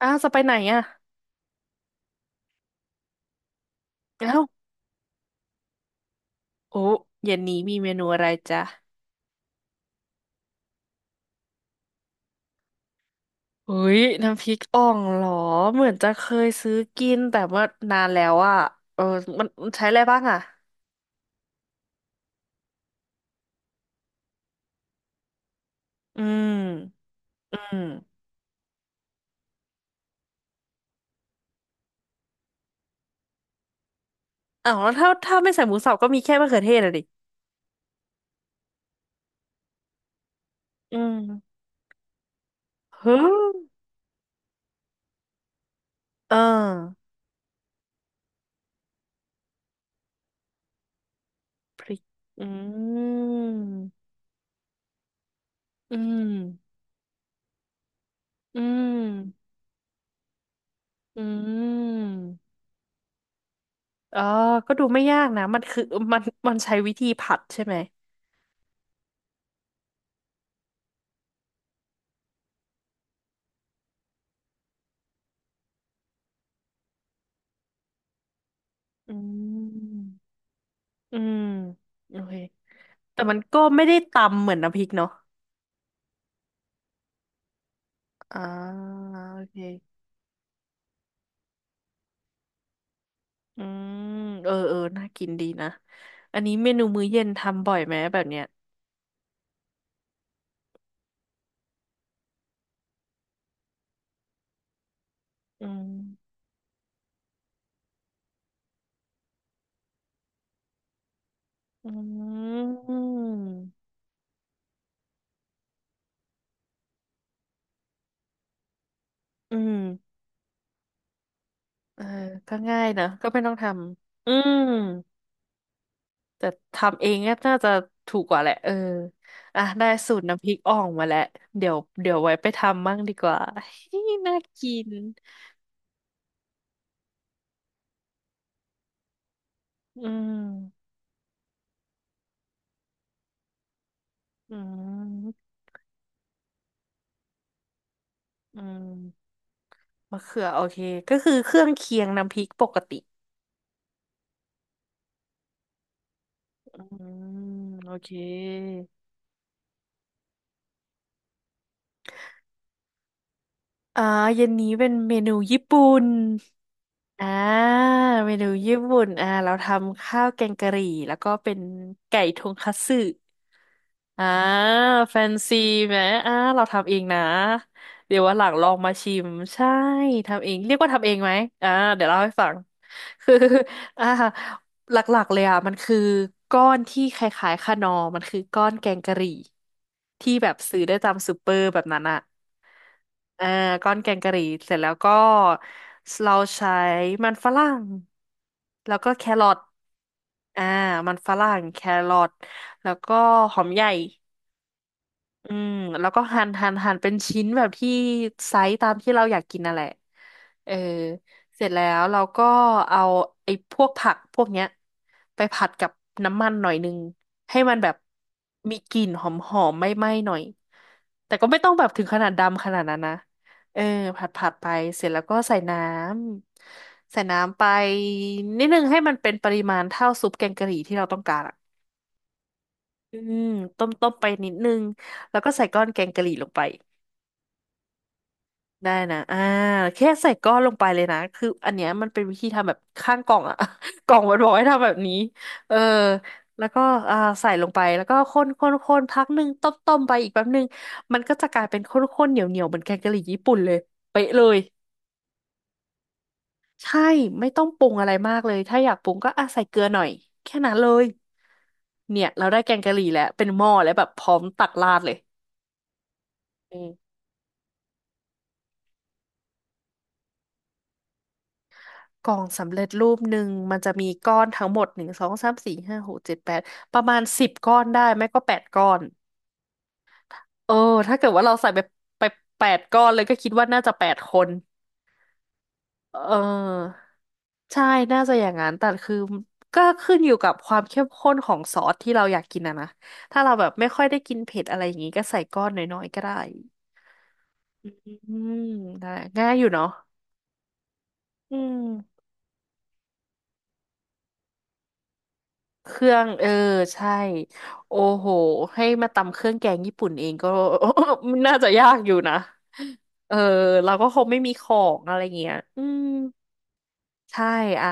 อ้าวจะไปไหนอ่ะอ้าวโอ้เย็นนี้มีเมนูอะไรจ๊ะอุ้ย น้ำพริกอ่องเหรอ เหมือนจะเคยซื้อกินแต่ว่านานแล้วอ่ะเออมันใช้อะไรบ้างอ่ะอืมอืมอ้าวแล้วถ้าไม่ใส่หมูสับก็มีแค่มะเขือเทศอ่ะดิ อืมเฮ้อเออพริกอืม อืม อืมอืมอ๋อก็ดูไม่ยากนะมันคือมันมันใช้วิธีผัดใช่ไหมอืม อืมโอเคแต่มันก็ไม่ได้ตำเหมือนน้ำพริกเนาะอ่าโอเคอืมเออเออน่ากินดีนะอันนี้เมนูมื้อเย็นทำบ่อยไหมแบบเนี้ยอืมอืมอืมเออก็ง่ายนะก็ไม่ต้องทำอืมแต่ทำเองก็น่าจะถูกกว่าแหละเอออ่ะได้สูตรน้ำพริกอ่องมาแล้วเดี๋ยวไว้ไปทำมั่งดีกว่า น่ากินอืมอืมอืม มะเขือโอเคก็คือเครื่องเคียงน้ำพริกปกติอืมโอเคอ่าเย็นนี้เป็นเมนูญี่ปุ่นอ่าเมนูญี่ปุ่นอ่าเราทำข้าวแกงกะหรี่แล้วก็เป็นไก่ทงคัตสึ อ่าแฟนซีไหมอ่าเราทำเองนะเดี๋ยววันหลังลองมาชิมใช่ทำเองเรียกว่าทำเองไหมอ่าเดี๋ยวเล่าให้ฟังคือ อ่าหลักๆเลยอ่ะมันคือก้อนที่คล้ายๆขนอมมันคือก้อนแกงกะหรี่ที่แบบซื้อได้ตามซูเปอร์แบบนั้นอ่ะเออก้อนแกงกะหรี่เสร็จแล้วก็เราใช้มันฝรั่งแล้วก็แครอทอ่ามันฝรั่งแครอทแล้วก็หอมใหญ่ อืมแล้วก็หั่นเป็นชิ้นแบบที่ไซส์ตามที่เราอยากกินนั่นแหละเออเสร็จแล้วเราก็เอาไอ้พวกผักพวกเนี้ยไปผัดกับน้ำมันหน่อยนึงให้มันแบบมีกลิ่นหอมหอมไหม้ไหม้ๆหน่อยแต่ก็ไม่ต้องแบบถึงขนาดดำขนาดนั้นนะเออผัดไปเสร็จแล้วก็ใส่น้ำไปนิดนึงให้มันเป็นปริมาณเท่าซุปแกงกะหรี่ที่เราต้องการอะ อืมต้มไปนิดนึงแล้วก็ใส่ก้อนแกงกะหรี่ลงไปได้นะอ่าแค่ใส่ก้อนลงไปเลยนะคืออันเนี้ยมันเป็นวิธีทำแบบข้างกล่องอะ กล่องมันบอกให้ทำแบบนี้เออแล้วก็อ่าใส่ลงไปแล้วก็คนพักหนึ่งต้มไปอีกแป๊บหนึ่งมันก็จะกลายเป็นข้นข้นเหนียวเหนียวเหมือนแกงกะหรี่ญี่ปุ่นเลยเป๊ะเลยใช่ไม่ต้องปรุงอะไรมากเลยถ้าอยากปรุงก็อ่ะใส่เกลือหน่อยแค่นั้นเลยเนี่ยเราได้แกงกะหรี่แล้วเป็นหม้อแล้วแบบพร้อมตักราดเลย กล่องสำเร็จรูปหนึ่งมันจะมีก้อนทั้งหมดหนึ่งสองสามสี่ห้าหกเจ็ดแปดประมาณสิบก้อนได้ไม่ก็แปดก้อนเออถ้าเกิดว่าเราใส่ไปแปดก้อนเลยก็คิดว่าน่าจะแปดคนเออใช่น่าจะอย่างนั้นแต่คือก็ขึ้นอยู่กับความเข้มข้นของซอสที่เราอยากกินอะนะถ้าเราแบบไม่ค่อยได้กินเผ็ดอะไรอย่างงี้ก็ใส่ก้อนน้อยๆก็ได้อืมได้ง่ายอยู่เนาะอืม เครื่องเออใช่โอ้โหให้มาตำเครื่องแกงญี่ปุ่นเองก็ น่าจะยากอยู่นะเออเราก็คงไม่มีของอะไรเงี้ยอืมใช่อ่ะ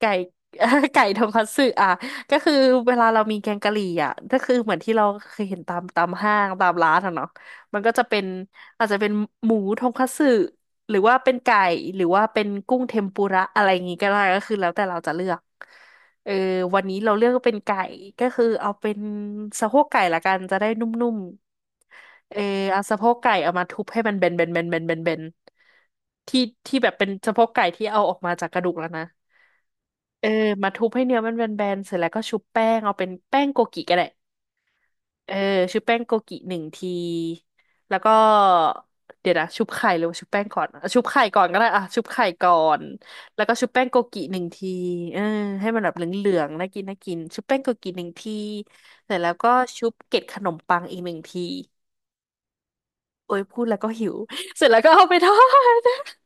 ไก่ ไก่ทงคัตสึอ่ะก็คือเวลาเรามีแกงกะหรี่อ่ะก็คือเหมือนที่เราเคยเห็นตามห้างตามร้านอ่ะเนาะมันก็จะเป็นอาจจะเป็นหมูทงคัตสึหรือว่าเป็นไก่หรือว่าเป็นกุ้งเทมปุระอะไรอย่างงี้ก็ได้ก็คือแล้วแต่เราจะเลือกเออวันนี้เราเลือกเป็นไก่ก็คือเอาเป็นสะโพกไก่ละกันจะได้นุ่มๆเออเอาสะโพกไก่เอามาทุบให้มันเบนที่ที่แบบเป็นสะโพกไก่ที่เอาออกมาจากกระดูกแล้วนะ เออมาทุบให้เนื้อมันแบนๆเสร็จแล้วก็ชุบแป้งเอาเป็นแป้งโกกิก็ได้เออชุบแป้งโกกิหนึ่งทีแล้วก็เดี๋ยวนะชุบไข่หรือว่าชุบแป้งก่อนอ่ะชุบไข่ก่อนก็ได้อ่ะชุบไข่ก่อนแล้วก็ชุบแป้งโกกิหนึ่งทีเออให้มันแบบเหลืองๆน่ากินน่ากินชุบแป้งโกกิหนึ่งทีเสร็จแล้วก็ชุบเกล็ดขนมปังอีกหนึ่งทีโอ้ยพูดแล้วก็หิวเสร็จแล้วก็เอาไปทอด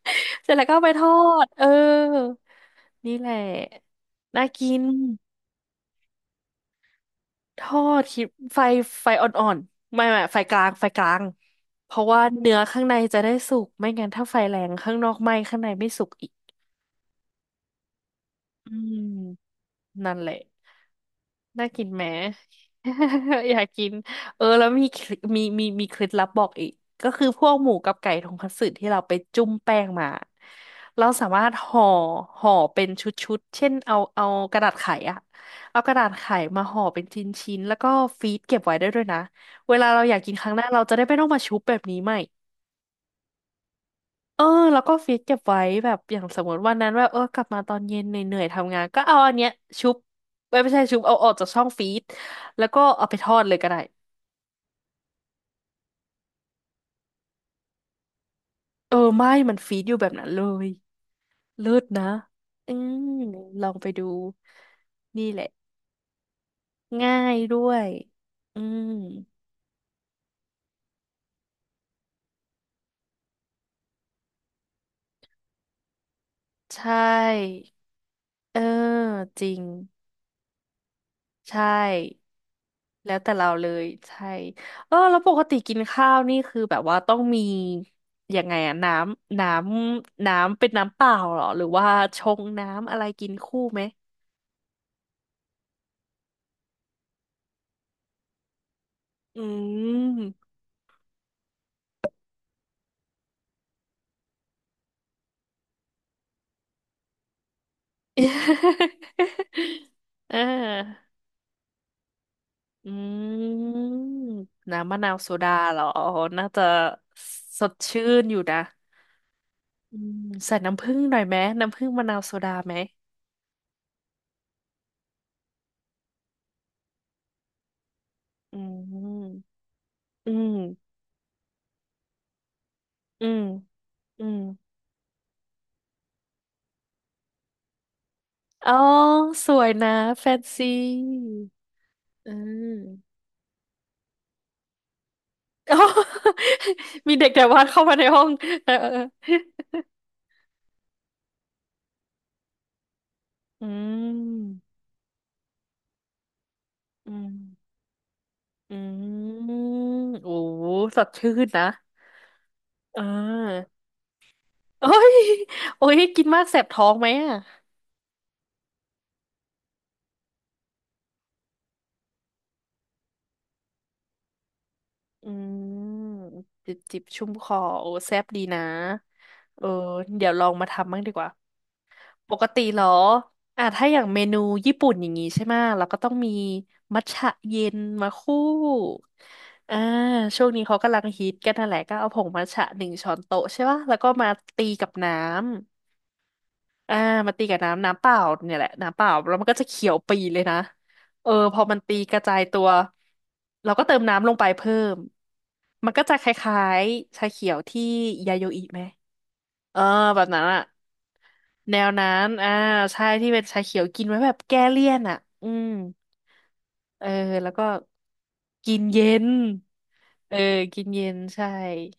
เสร็จแล้วก็เอาไปทอดเออนี่แหละน่ากิน ทอดคิดไฟไฟอ่อนๆไม่ไฟกลางเพราะว่าเนื้อข้างในจะได้สุกไม่งั้นถ้าไฟแรงข้างนอกไหม้ข้างในไม่สุกอีกอืมนั่นแหละ น่ากินแหม อยากกินเออแล้วมีมีเคล็ดลับบอกอีกก็คือพวกหมูกับไก่ทงคัตสึที่เราไปจุ่มแป้งมาเราสามารถห่อห่อเป็นชุดๆเช่นเอากระดาษไขอะเอากระดาษไขมาห่อเป็นชิ้นๆแล้วก็ฟรีซเก็บไว้ได้ด้วยนะเวลาเราอยากกินครั้งหน้าเราจะได้ไม่ต้องมาชุบแบบนี้ใหม่ เออแล้วก็ฟีดเก็บไว้แบบอย่างสมมติวันนั้นว่าเออกลับมาตอนเย็นเหนื่อยๆทำงานก็เอาอันเนี้ยชุบไม่ใช่ชุบเอาออกจากช่องฟีดแล้วก็เอาไปทอดเลยก็ได้เออไม่มันฟีดอยู่แบบนั้นเลยเลิศนะอืมลองไปดูนี่แหละง่ายด้วยอืมใช่เออจริงใช่ แล้วแต่เราเลยใช่เออแล้วปกติกินข้าวนี่คือแบบว่าต้องมียังไงอะำน้น้ำเป็นน้ำเปล่าเหรอหรือว่าชงน้ำอะไรกินคู่ไหมอืม เอออืมน้ำมะนาวโซดาเหรออ๋อน่าจะสดชื่นอยู่นะอืมใส่น้ำผึ้งหน่อยไหมน้ำผึ้งมะนาวโซดาไหมอืมอืมอืมอืม อ๋อสวยนะแฟนซีอืมอ๋อ มีเด็กแต่วาดเข้ามาในห้องเออเออเอออืมอืมอืมโอ้โหสดชื่นนะอ่าโอ้ยโอ้ยกินมากแสบท้องไหมอ่ะอืมจิบจิบชุ่มคอโอ้แซบดีนะเออเดี๋ยวลองมาทำบ้างดีกว่า ปกติเหรออ่ะถ้าอย่างเมนูญี่ปุ่นอย่างงี้ใช่ไหมะเราก็ต้องมีมัทฉะเย็นมาคู่อ่าช่วงนี้เขากำลังฮิตกันนั่นแหละก็เอาผงมัทฉะหนึ่งช้อนโต๊ะใช่ป่ะแล้วก็มาตีกับน้ำอ่ามาตีกับเปล่าเนี่ยแหละน้ำเปล่าแล้วมันก็จะเขียวปีเลยนะ เออพอมันตีกระจายตัว เราก็เติมน้ำลงไปเพิ่ม มันก็จะคล้ายๆชาเขียวที่ยาโยอิไหม เออแบบนั้นอะแนวนั้นอ่าใช่ที่เป็นชาเขียวกินไว้แบบแก้เลี่ยนอะอืมเออแล้วก็กินเย็นเออกินเย็นใช่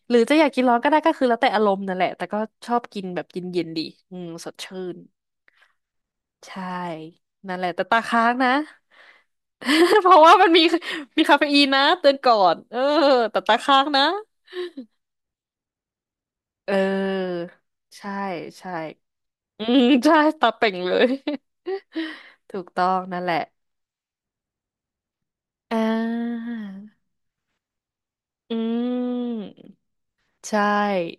หรือจะอยากกินร้อนก็ได้ก็คือแล้วแต่อารมณ์นั่นแหละแต่ก็ชอบกินแบบเย็นๆดีอืมสดชื่นใช่นั่นแหละแต่ตาค้างนะ เพราะว่ามันมีคาเฟอีนนะเตือนก่อนเออแต่ตาค้างนะเออใช่ใช่ อืม ใช่ตาเป่งเลย ถูกต้องนั่นแหละอ่าอืมใช่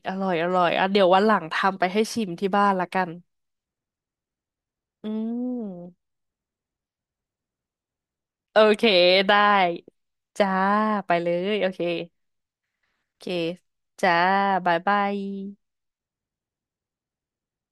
อร่อยอร่อยอ่ะเดี๋ยววันหลังทำไปให้ชิมที่บ้านละกันอืมโอเคได้จ้าไปเลยโอเคโอเคจ้าบายบาย